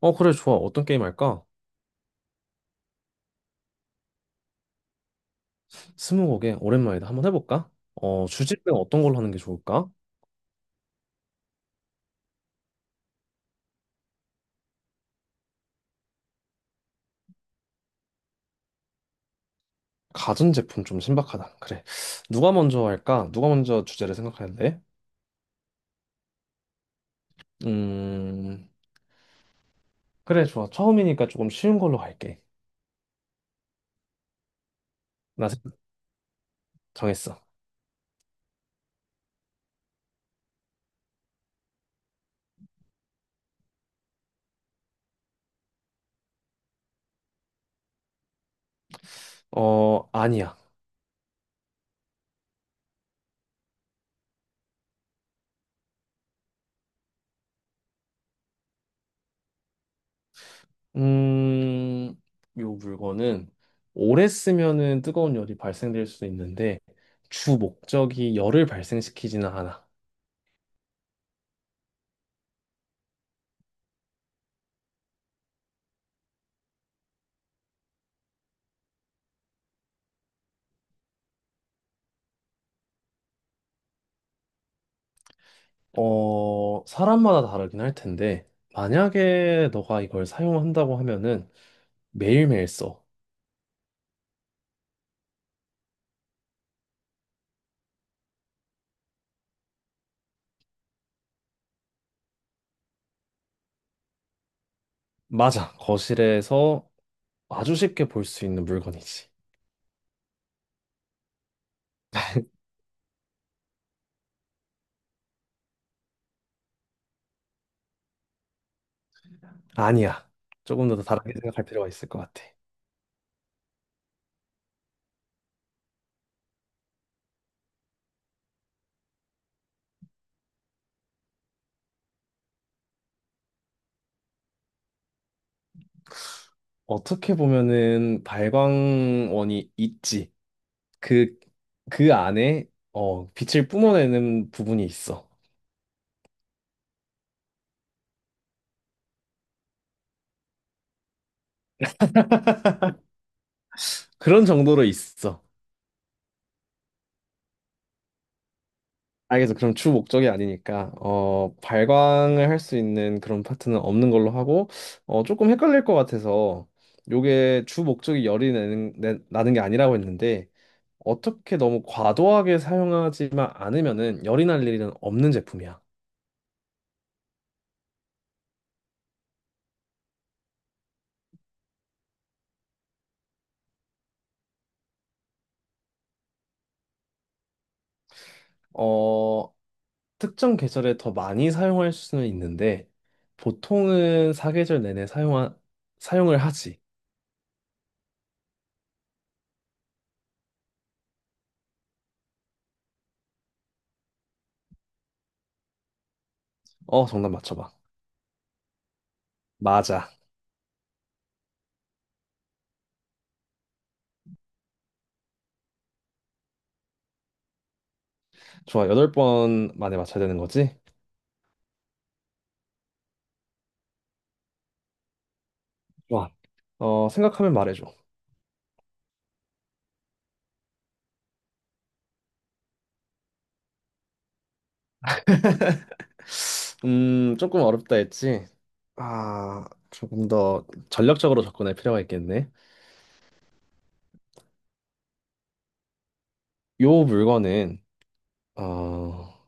그래, 좋아. 어떤 게임 할까? 스무고개, 오랜만이다. 한번 해볼까? 주제는 어떤 걸로 하는 게 좋을까? 가전제품 좀 신박하다. 그래. 누가 먼저 할까? 누가 먼저 주제를 생각하는데? 음, 그래, 좋아. 처음이니까 조금 쉬운 걸로 할게. 나 생- 정했어. 어, 아니야. 음, 요 물건은 오래 쓰면은 뜨거운 열이 발생될 수 있는데, 주 목적이 열을 발생시키지는 않아. 사람마다 다르긴 할 텐데, 만약에 너가 이걸 사용한다고 하면은 매일매일 써. 맞아. 거실에서 아주 쉽게 볼 수 있는 물건이지. 아니야. 조금 더 다르게 생각할 필요가 있을 것 같아. 어떻게 보면은 발광원이 있지. 그, 그 안에 빛을 뿜어내는 부분이 있어. 그런 정도로 있어. 알겠어. 그럼 주 목적이 아니니까 발광을 할 수 있는 그런 파트는 없는 걸로 하고 조금 헷갈릴 것 같아서 요게 주 목적이 나는 게 아니라고 했는데 어떻게 너무 과도하게 사용하지만 않으면은 열이 날 일은 없는 제품이야. 어 특정 계절에 더 많이 사용할 수는 있는데 보통은 사계절 내내 사용을 하지. 정답 맞춰봐. 맞아. 좋아. 여덟 번 만에 맞춰야 되는 거지? 와, 생각하면 말해줘. 조금 어렵다 했지? 아, 조금 더 전략적으로 접근할 필요가 있겠네. 요 물건은, 어,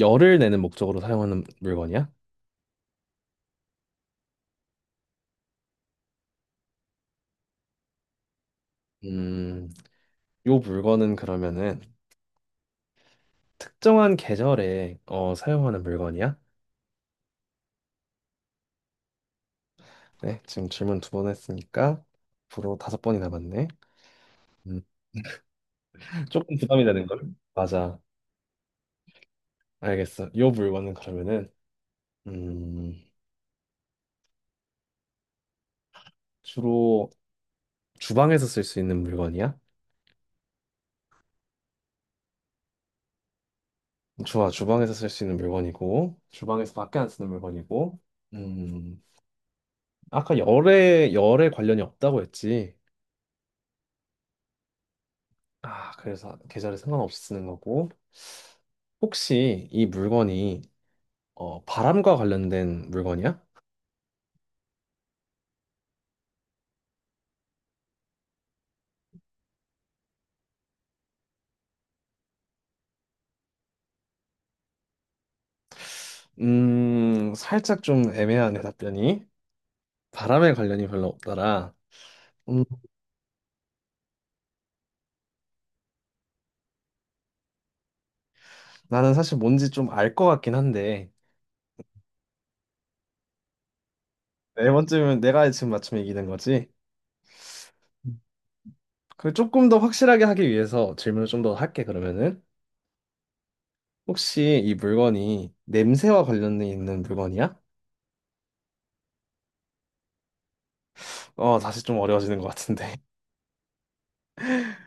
열을 내는 목적으로 사용하는 물건이야? 음, 요 물건은 그러면은 특정한 계절에 사용하는 물건이야? 네, 지금 질문 두 번 했으니까 앞으로 다섯 번이 남았네. 음, 조금 부담이 되는 걸? 맞아. 알겠어. 요 물건은 그러면은 음, 주로 주방에서 쓸 수 있는 물건이야? 좋아, 주방에서 쓸 수 있는 물건이고, 주방에서 밖에 안 쓰는 물건이고, 음, 아까 열에 관련이 없다고 했지. 아, 그래서 계절에 상관없이 쓰는 거고, 혹시 이 물건이 바람과 관련된 물건이야? 살짝 좀 애매하네, 답변이. 바람에 관련이 별로 없더라. 음, 나는 사실 뭔지 좀 알 것 같긴 한데, 네 번째면 내가 지금 맞추면 이기는 거지? 그 조금 더 확실하게 하기 위해서 질문을 좀 더 할게, 그러면은. 혹시 이 물건이 냄새와 관련돼 있는 물건이야? 어, 다시 좀 어려워지는 것 같은데.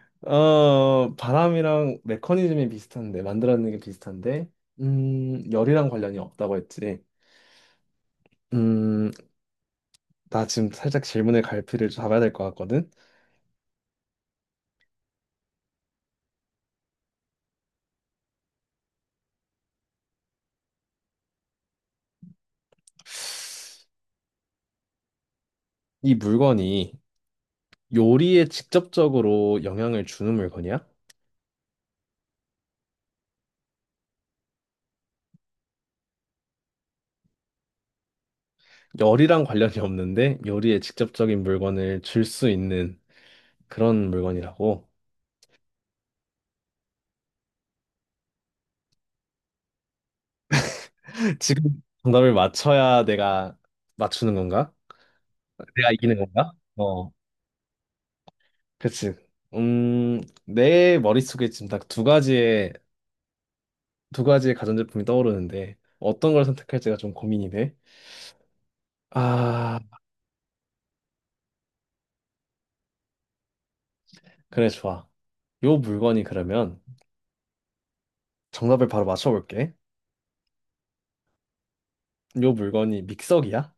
어, 바람이랑 메커니즘이 비슷한데, 만들어내는 게 비슷한데, 열이랑 관련이 없다고 했지. 음, 나 지금 살짝 질문의 갈피를 잡아야 될 것 같거든. 이 물건이 요리에 직접적으로 영향을 주는 물건이야? 열이랑 관련이 없는데 요리에 직접적인 물건을 줄 수 있는 그런 물건이라고? 지금 정답을 맞춰야 내가 맞추는 건가? 내가 이기는 건가? 어, 그치. 내 머릿속에 지금 딱 두 가지의, 두 가지의 가전제품이 떠오르는데, 어떤 걸 선택할지가 좀 고민이 돼. 아, 그래, 좋아. 요 물건이 그러면 정답을 바로 맞춰볼게. 요 물건이 믹서기야?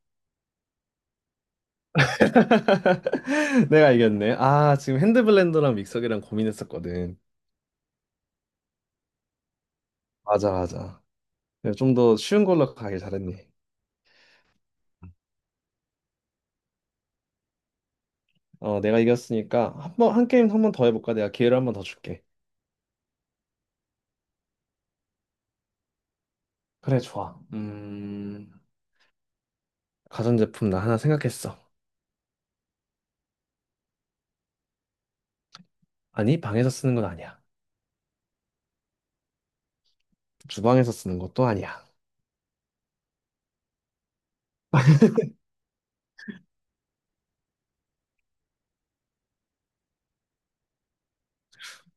내가 이겼네. 아, 지금 핸드블렌더랑 믹서기랑 고민했었거든. 맞아, 맞아. 좀 더 쉬운 걸로 가길 잘했네. 어, 내가 이겼으니까 한 게임 한 번 더 해볼까? 내가 기회를 한 번 더 줄게. 그래, 좋아. 가전제품 나 하나 생각했어. 아니, 방에서 쓰는 건 아니야. 주방에서 쓰는 것도 아니야.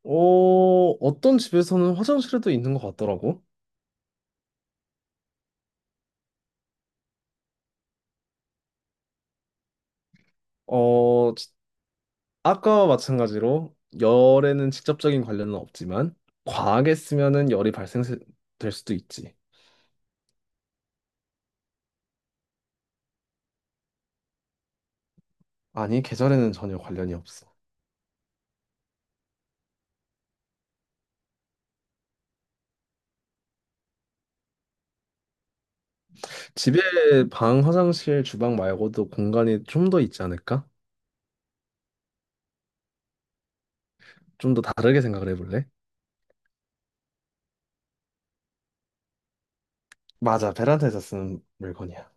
어, 어떤 집에서는 화장실에도 있는 것 같더라고. 어, 지- 아까와 마찬가지로 열에는 직접적인 관련은 없지만 과하게 쓰면은 열이 발생될 수도 있지. 아니, 계절에는 전혀 관련이 없어. 집에 방, 화장실, 주방 말고도 공간이 좀 더 있지 않을까? 좀 더 다르게 생각을 해볼래? 맞아, 베란다에서 쓰는 물건이야.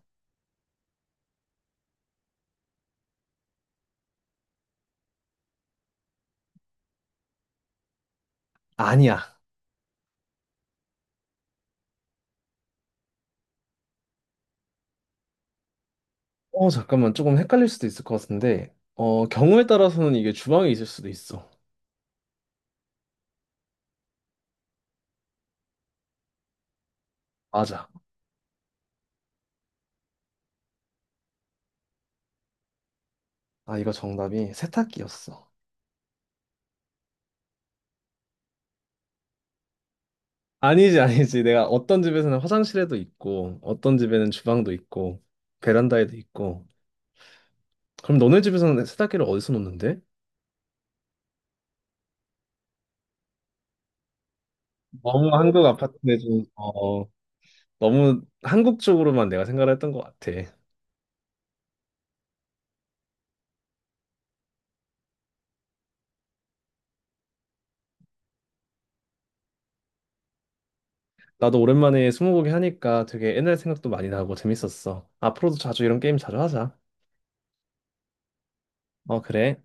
아니야. 어, 잠깐만. 조금 헷갈릴 수도 있을 것 같은데. 어, 경우에 따라서는 이게 주방에 있을 수도 있어. 맞아. 아, 이거 정답이 세탁기였어. 아니지, 아니지. 내가 어떤 집에서는 화장실에도 있고, 어떤 집에는 주방도 있고, 베란다에도 있고. 그럼 너네 집에서는 세탁기를 어디서 놓는데? 너무 한국 아파트네 좀, 어, 너무 한국 쪽으로만 내가 생각을 했던 것 같아. 나도 오랜만에 스무고개 하니까 되게 옛날 생각도 많이 나고 재밌었어. 앞으로도 자주 이런 게임 자주 하자. 어, 그래.